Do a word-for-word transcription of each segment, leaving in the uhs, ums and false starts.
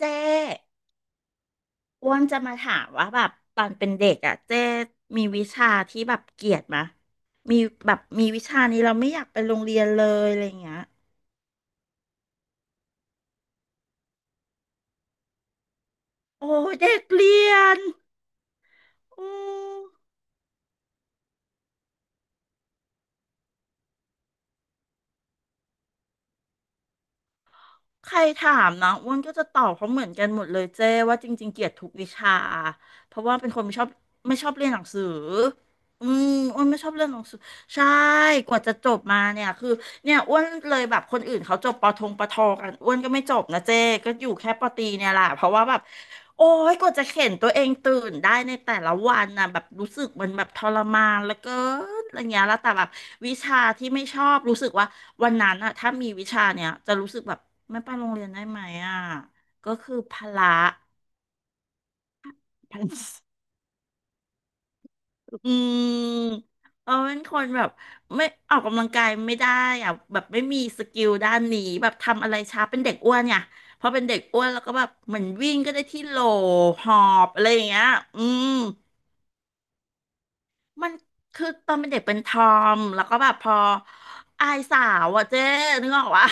เจ๊อ้วนจะมาถามว่าแบบตอนเป็นเด็กอ่ะเจ๊มีวิชาที่แบบเกลียดมะมีแบบมีวิชานี้เราไม่อยากไปโรงเรียนเลยอะไรอย่างเงี้ยโอ้ยเด็กเรียนอืม ใครถามนะอ้วนก็จะตอบเขาเหมือนกันหมดเลยเจ้ว่าจริงๆเกลียดทุกวิชาเพราะว่าเป็นคนไม่ชอบไม่ชอบเรียนหนังสืออืมอ้วนไม่ชอบเรียนหนังสือใช่กว่าจะจบมาเนี่ยคือเนี่ยอ้วนเลยแบบคนอื่นเขาจบปอทงปอทอกันอ้วนก็ไม่จบนะเจ้ก็อยู่แค่ปอตรีเนี่ยแหละเพราะว่าแบบโอ้ยกว่าจะเข็นตัวเองตื่นได้ในแต่ละวันนะแบบรู้สึกมันแบบทรมานแล้วก็อะไรเงี้ยแล้วแต่แบบวิชาที่ไม่ชอบรู้สึกว่า วันนั้นอะถ้ามีวิชาเนี้ยจะรู้สึกแบบไม่ไปโรงเรียนได้ไหมอะก็คือพละ พละอืมเออเป็นคนแบบไม่ออกกำลังกายไม่ได้อะแบบไม่มีสกิลด้านนี้แบบทำอะไรช้าเป็นเด็กอ้วนเนี่ยพอเป็นเด็กอ้วนแล้วก็แบบเหมือนวิ่งก็ได้ที่โหลหอบอะไรอย่างเงี้ยอืมมันคือตอนเป็นเด็กเป็นทอมแล้วก็แบบพออายสาวอะเจ๊นึกออกวะ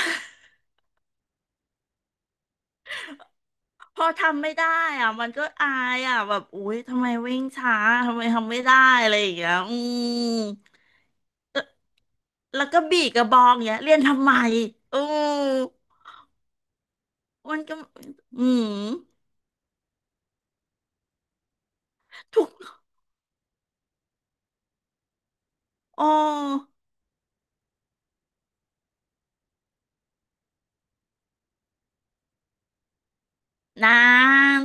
พอทำไม่ได้อ่ะมันก็อายอ่ะแบบอุ๊ยทำไมวิ่งช้าทำไมทำไม่ได้อะไรอย่างเงี้ยอืมแล้วแล้วก็บีกระบองเงี้ยเรียนทำไมอืมมันก็อืมทุกโอ้นาน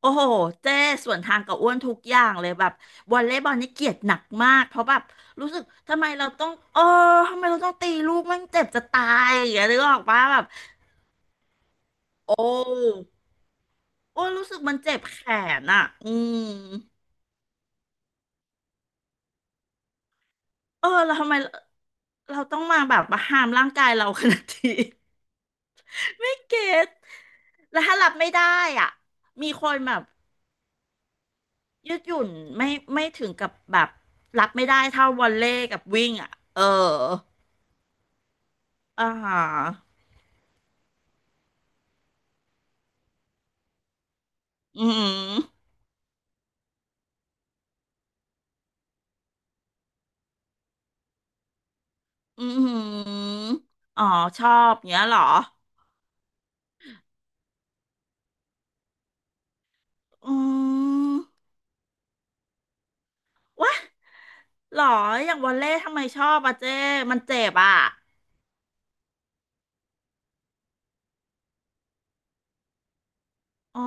โอ้โหเจ้ส่วนทางกับอ้วนทุกอย่างเลยแบบวอลเลย์บอลนี่เกลียดหนักมากเพราะแบบรู้สึกทำไมเราต้องเออทำไมเราต้องตีลูกมันเจ็บจะตายอย่างเงี้ยนึกออกปะแบบโอ้ โอ้ยรู้สึกมันเจ็บแขนอ่ะอืมเออเราทำไมเราเราต้องมาแบบมาห้ามร่างกายเราขนาดนี้ ไม่เก็ตแล้วถ้ารับไม่ได้อ่ะมีคนแบบยืดหยุ่นไม่ไม่ถึงกับแบบรับไม่ได้เท่าวอลเลย์กับวิ่งอ่ะ เออ อ่าฮะอืมอหืออือหืออ๋อชอบเงี้ยเหรอ อืมวะหรออย่างวอลเลย์ทำไมชอบอ่ะเจ้มันเจ็บอ่ะอ๋อ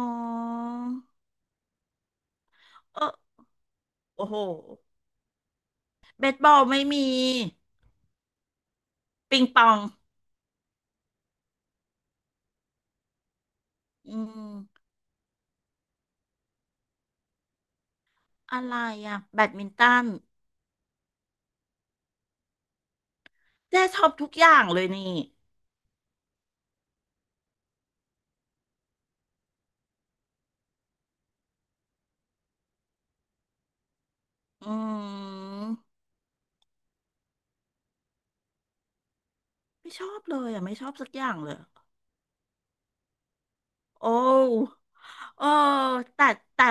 เออโอ้โหเบสบอลไม่มีปิงปองอืมอะไรอ่ะแบดมินตันเจ๊ชอบทุกอย่างเลยนี่อืมไม่ชอบเลยอ่ะไม่ชอบสักอย่างเลยโอ้เออแต่แต่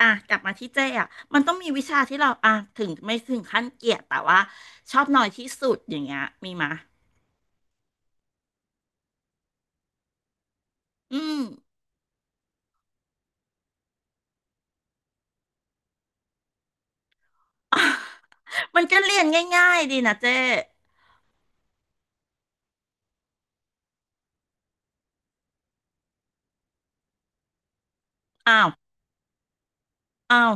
อ่ะกลับมาที่เจ๊อ่ะมันต้องมีวิชาที่เราอ่ะถึงไม่ถึงขั้นเกลียดแต่ว่าชอบน้อยที่สุดอย่างเงี้ยมีมะอืม มันก็เรียนง่ายๆดีนะเจ๊อ้าวอ้าว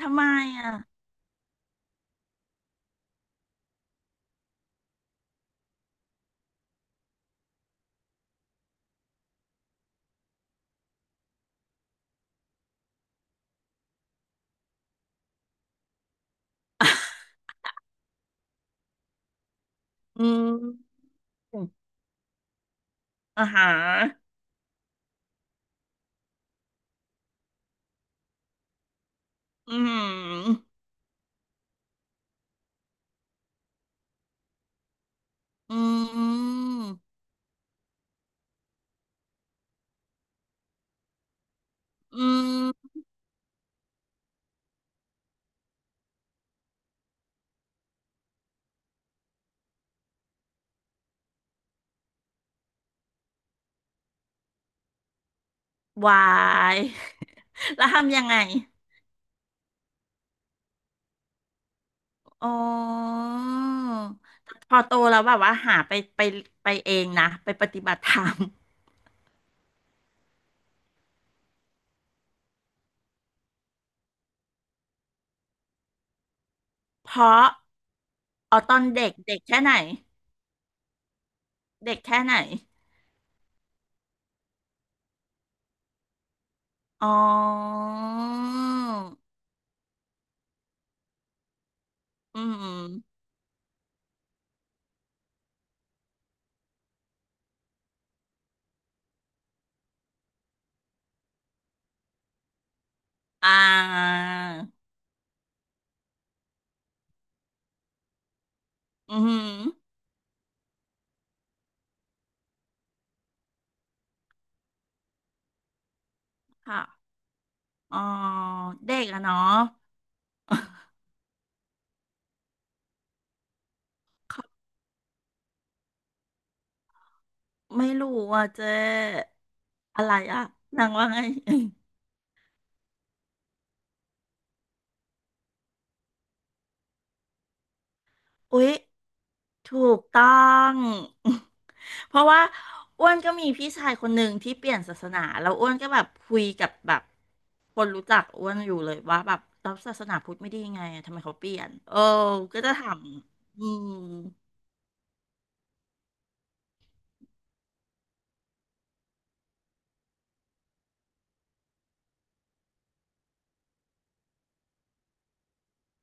ทำไมอ่ะ อืม อ่าฮะอืมอืมอืมวาย แล้วทำยังไงอ๋อพอโตแล้วแบบว่าหาไปไปไปเองนะไปปฏิบัติธรรม เพราะอ๋อตอนเด็กเด็กแค่ไหนเด็กแค่ไหนอ๋ออืมอ่า อืมค่ะอ๋อเด็กอะเนาะ ไม่รู้ว่าเจ๊อะไรอ่ะนางว่าไง อุ๊ยถูกต้อง เพราะว่าอ้วนก็มีพี่ชายคนหนึ่งที่เปลี่ยนศาสนาแล้วอ้วนก็แบบคุยกับแบบคนรู้จักอ้วนอยู่เลยว่าแบบแล้วศาสนาพุทธไม่ดียังไงอะทำไมเขาเปลี่ยนเออก็จะถามอืม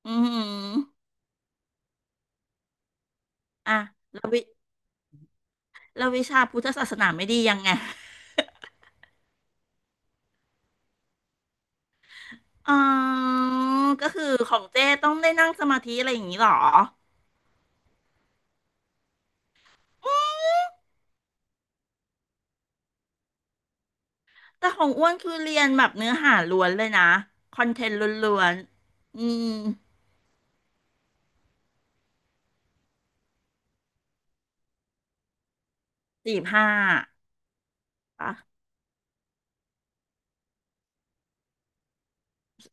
อืมอ่ะแล้ววิแล้ววิชาพุทธศาสนาไม่ดียังไงอ๋อก็คือของเจ้ต้องได้นั่งสมาธิอะไรอย่างนี้เหรอ แต่ของอ้วนคือเรียนแบบเนื้อหาล้วนเลยนะคอนเทนต์ล้วนๆอืมสี่ห้าอะ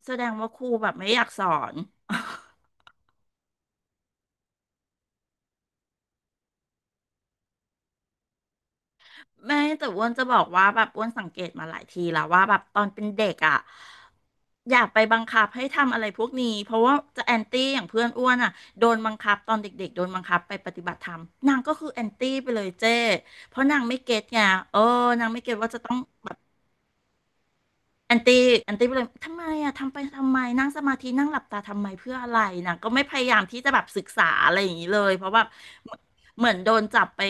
แสดงว่าครูแบบไม่อยากสอน ไม่แต่อ้วนจะบอกว่าแบบอ้วนสังเกตมาหลายทีแล้วว่าแบบตอนเป็นเด็กอ่ะอยากไปบังคับให้ทำอะไรพวกนี้เพราะว่าจะแอนตี้อย่างเพื่อนอ้วนอ่ะโดนบังคับตอนเด็กๆโดนบังคับไปปฏิบัติธรรมนางก็คือแอนตี้ไปเลยเจ้เพราะนางไม่เก็ตไงเออนางไม่เก็ตว่าจะต้อง แอนตี้แอนตี้ไปเลยทำไมอะทำไปทำไมนั่งสมาธินั่งหลับตาทำไมเพื่ออะไรนะก็ไม่พยายามที่จะแบบศึกษาอะไรอย่างนี้เลยเพราะว่าเหมือนเหมือนโดนจับไป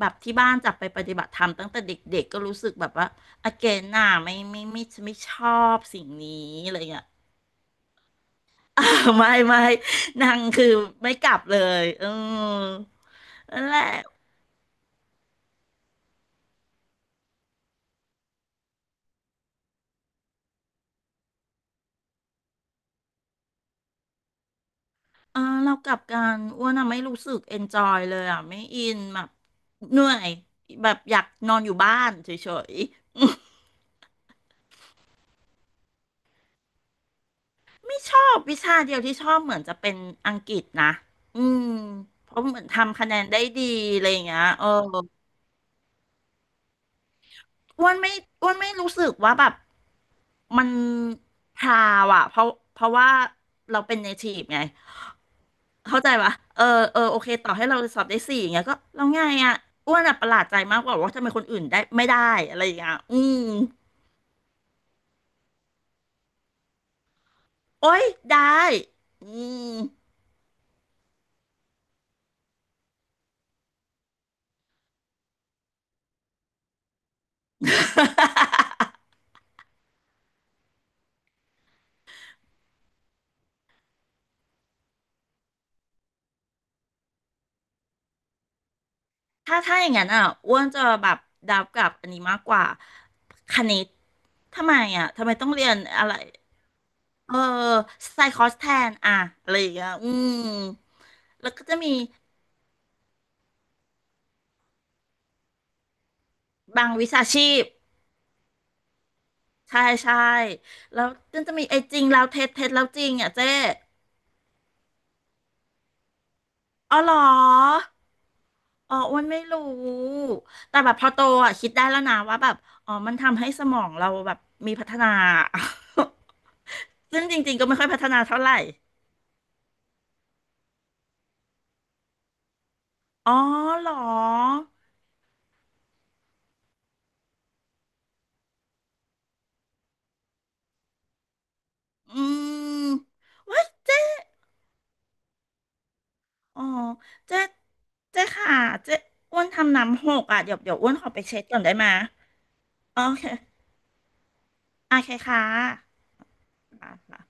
แบบที่บ้านจับไปปฏิบัติธรรมตั้งแต่เด็กๆก็รู้สึกแบบว่าอเกนน่ะไม่ไม่ไม่ไม่ไม่ชอบสิ่งนี้อะไรอย่างเงี้ย อ่าไม่ไม่นางคือไม่กลับเลยเออนั่นแหละเออเรากลับกันอ้วนอะไม่รู้สึกเอนจอยเลยอะไม่อินแบบเหนื่อยแบบอยากนอนอยู่บ้านเฉย ไม่ชอบวิชาเดียวที่ชอบเหมือนจะเป็นอังกฤษนะอืมเพราะเหมือนทำคะแนนได้ดีอะไรอย่างเงี้ยเอออ้วนไม่อ้วนไม่รู้สึกว่าแบบมันพราวอะเพราะเพราะว่าเราเป็นเนทีฟไงเข้าใจปะเออเออโอเคต่อให้เราสอบได้สี่อย่างเงี้ยก็แล้วไงอะอ้วนอะประหลาดใจมากกว่าว่าทำไมคนอื่นได้ไม่ได้อะไรอย่างเงี้ยอืมโอ๊ยได้อืม ถ้าถ้าอย่างนั้นอ่ะอ้วนจะแบบดับกับอันนี้มากกว่าคณิตทำไมอ่ะทำไมต้องเรียนอะไรเออไซคอสแทนอ่ะอะไรอย่างเงี้ยอืมแล้วก็จะมีบางวิชาชีพใช่ใช่แล้วจนจะมีไอ้จริงแล้วเท็จเท็จแล้วจริงอ่ะเจ๊ อ๋อเหรออ๋ออ้วนไม่รู้ แต่แบบพอโตอ่ะคิดได้แล้วนะว่าแบบอ๋อมันทำให้สมองเราแบบมีพัฒนา ซึ่งจริงๆก็ไม่ค่อยพัฒนาเท่าไหร่ อ๋อเหรออืมว้ายเจ๊อ๋อเจ๊เจ๊ค่ะเจ๊อ้วนทำน้ำหกอ่ะเดี๋ยวเดี๋ยวอ้วนขอไปเช็ดก่อนได้ไหมยโอเคโอเคค่ะค่ะ